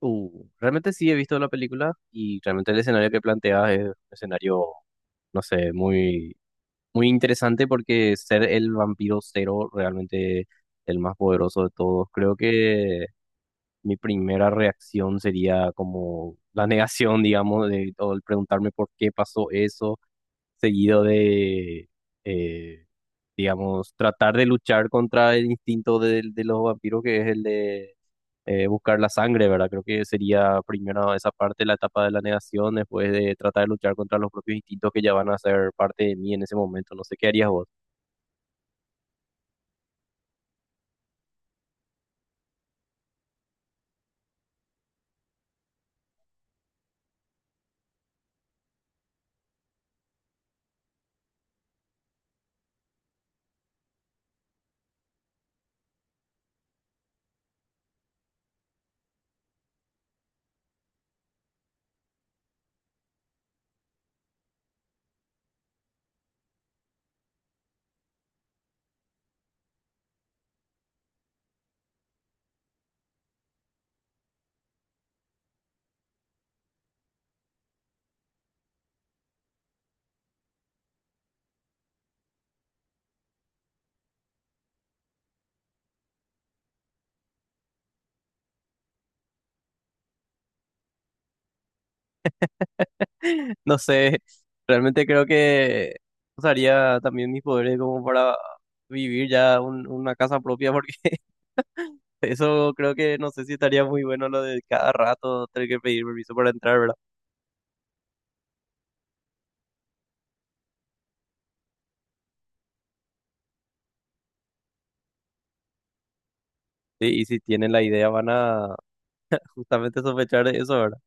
Realmente sí he visto la película y realmente el escenario que planteas es un escenario, no sé, muy interesante porque ser el vampiro cero realmente el más poderoso de todos. Creo que mi primera reacción sería como la negación, digamos, o el preguntarme por qué pasó eso, seguido de, eh, digamos, tratar de luchar contra el instinto de los vampiros que es el de buscar la sangre, ¿verdad? Creo que sería primero esa parte, la etapa de la negación, después de tratar de luchar contra los propios instintos que ya van a ser parte de mí en ese momento. No sé qué harías vos. No sé, realmente creo que usaría también mis poderes como para vivir ya una casa propia, porque eso creo que no sé si estaría muy bueno lo de cada rato tener que pedir permiso para entrar, ¿verdad? Sí, y si tienen la idea van a justamente sospechar de eso, ¿verdad?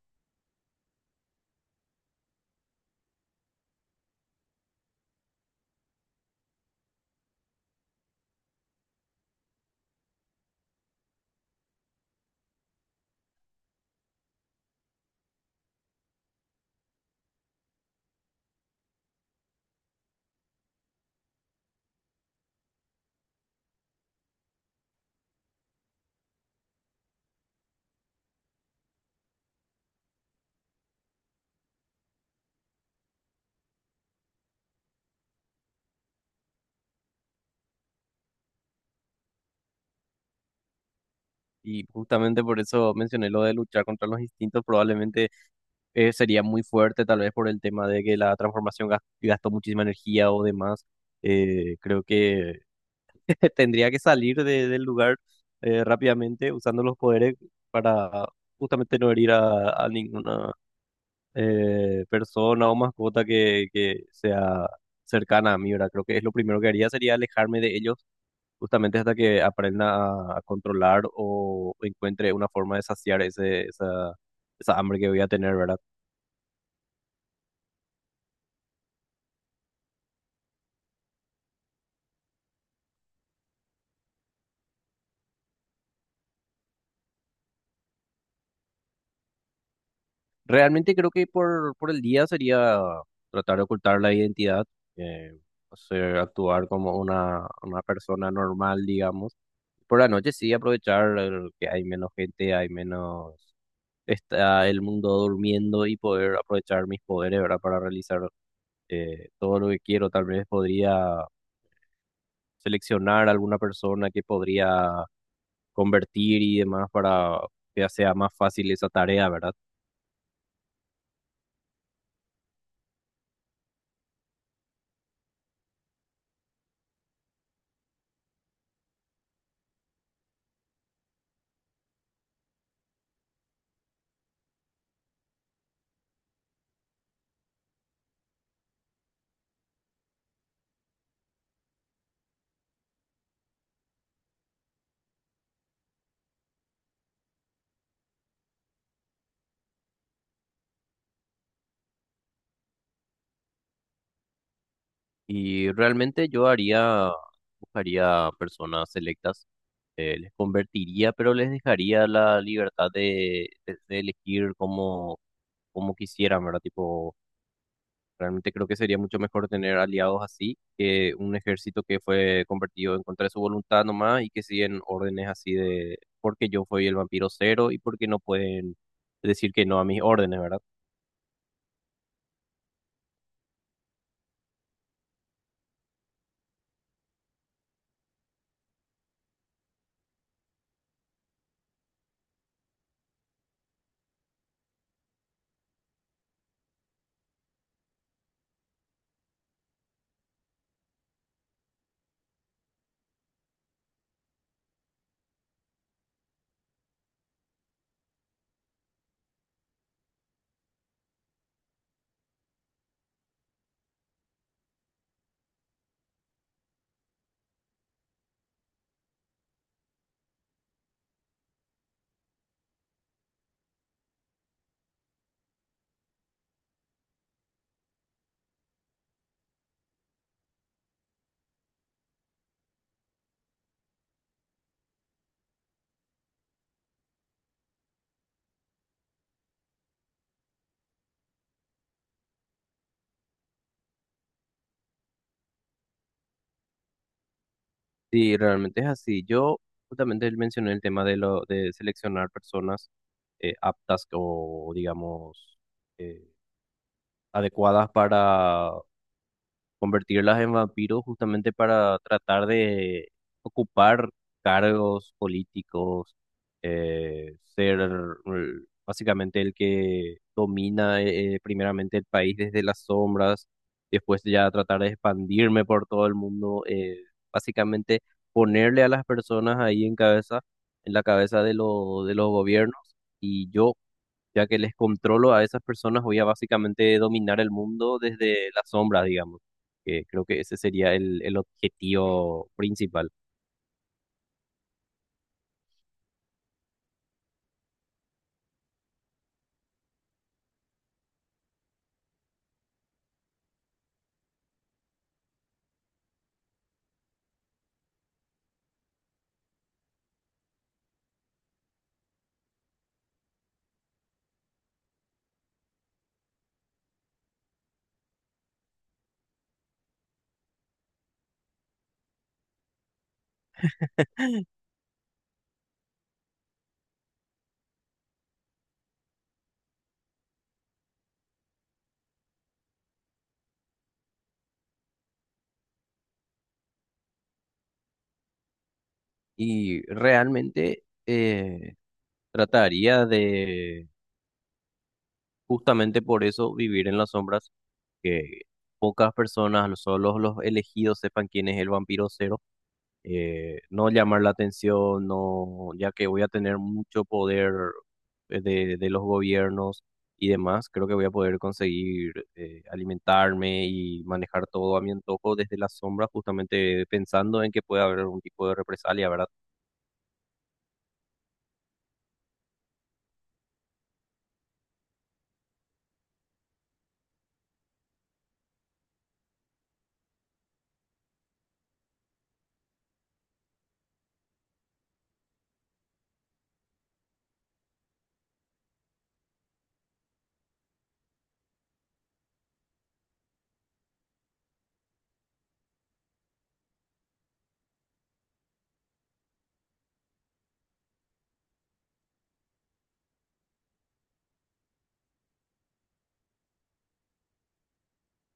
Y justamente por eso mencioné lo de luchar contra los instintos, probablemente sería muy fuerte, tal vez por el tema de que la transformación gastó muchísima energía o demás. Creo que tendría que salir del lugar rápidamente usando los poderes para justamente no herir a ninguna persona o mascota que sea cercana a mí, ¿verdad? Creo que es lo primero que haría sería alejarme de ellos justamente hasta que aprenda a controlar o encuentre una forma de saciar esa hambre que voy a tener, ¿verdad? Realmente creo que por el día sería tratar de ocultar la identidad, eh, hacer actuar como una persona normal, digamos. Por la noche sí aprovechar el que hay menos gente, está el mundo durmiendo y poder aprovechar mis poderes, ¿verdad? Para realizar todo lo que quiero. Tal vez podría seleccionar alguna persona que podría convertir y demás para que sea más fácil esa tarea, ¿verdad? Y realmente buscaría personas selectas, les convertiría, pero les dejaría la libertad de elegir como, como quisieran, ¿verdad? Tipo, realmente creo que sería mucho mejor tener aliados así que un ejército que fue convertido en contra de su voluntad nomás y que siguen órdenes así de, porque yo fui el vampiro cero y porque no pueden decir que no a mis órdenes, ¿verdad? Sí, realmente es así. Yo justamente mencioné el tema de lo de seleccionar personas aptas o digamos eh, adecuadas para convertirlas en vampiros justamente para tratar de ocupar cargos políticos, ser mm, básicamente el que domina primeramente el país desde las sombras, después ya tratar de expandirme por todo el mundo, básicamente ponerle a las personas ahí en cabeza, en la cabeza de los gobiernos. Y yo ya que les controlo a esas personas, voy a básicamente dominar el mundo desde la sombra, digamos. Que creo que ese sería el objetivo principal. Y realmente trataría de, justamente por eso, vivir en las sombras, que pocas personas, solo los elegidos sepan quién es el vampiro cero no llamar la atención, no, ya que voy a tener mucho poder de los gobiernos y demás, creo que voy a poder conseguir alimentarme y manejar todo a mi antojo desde la sombra, justamente pensando en que puede haber algún tipo de represalia, ¿verdad?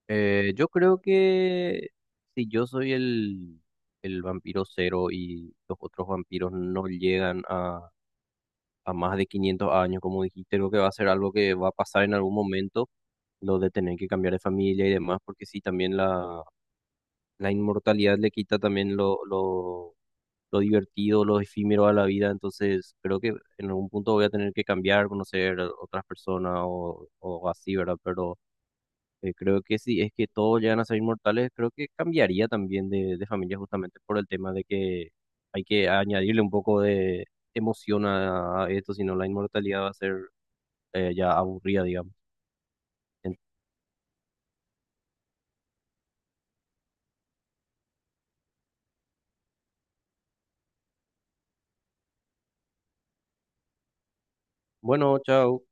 Yo creo que si yo soy el vampiro cero y los otros vampiros no llegan a más de 500 años, como dijiste, creo que va a ser algo que va a pasar en algún momento, lo de tener que cambiar de familia y demás, porque sí, también la inmortalidad le quita también lo divertido, lo efímero a la vida, entonces creo que en algún punto voy a tener que cambiar, conocer a otras personas o así, ¿verdad? Pero creo que si es que todos llegan a ser inmortales, creo que cambiaría también de familia justamente por el tema de que hay que añadirle un poco de emoción a esto, sino la inmortalidad va a ser ya aburrida, digamos. En- Bueno, chao.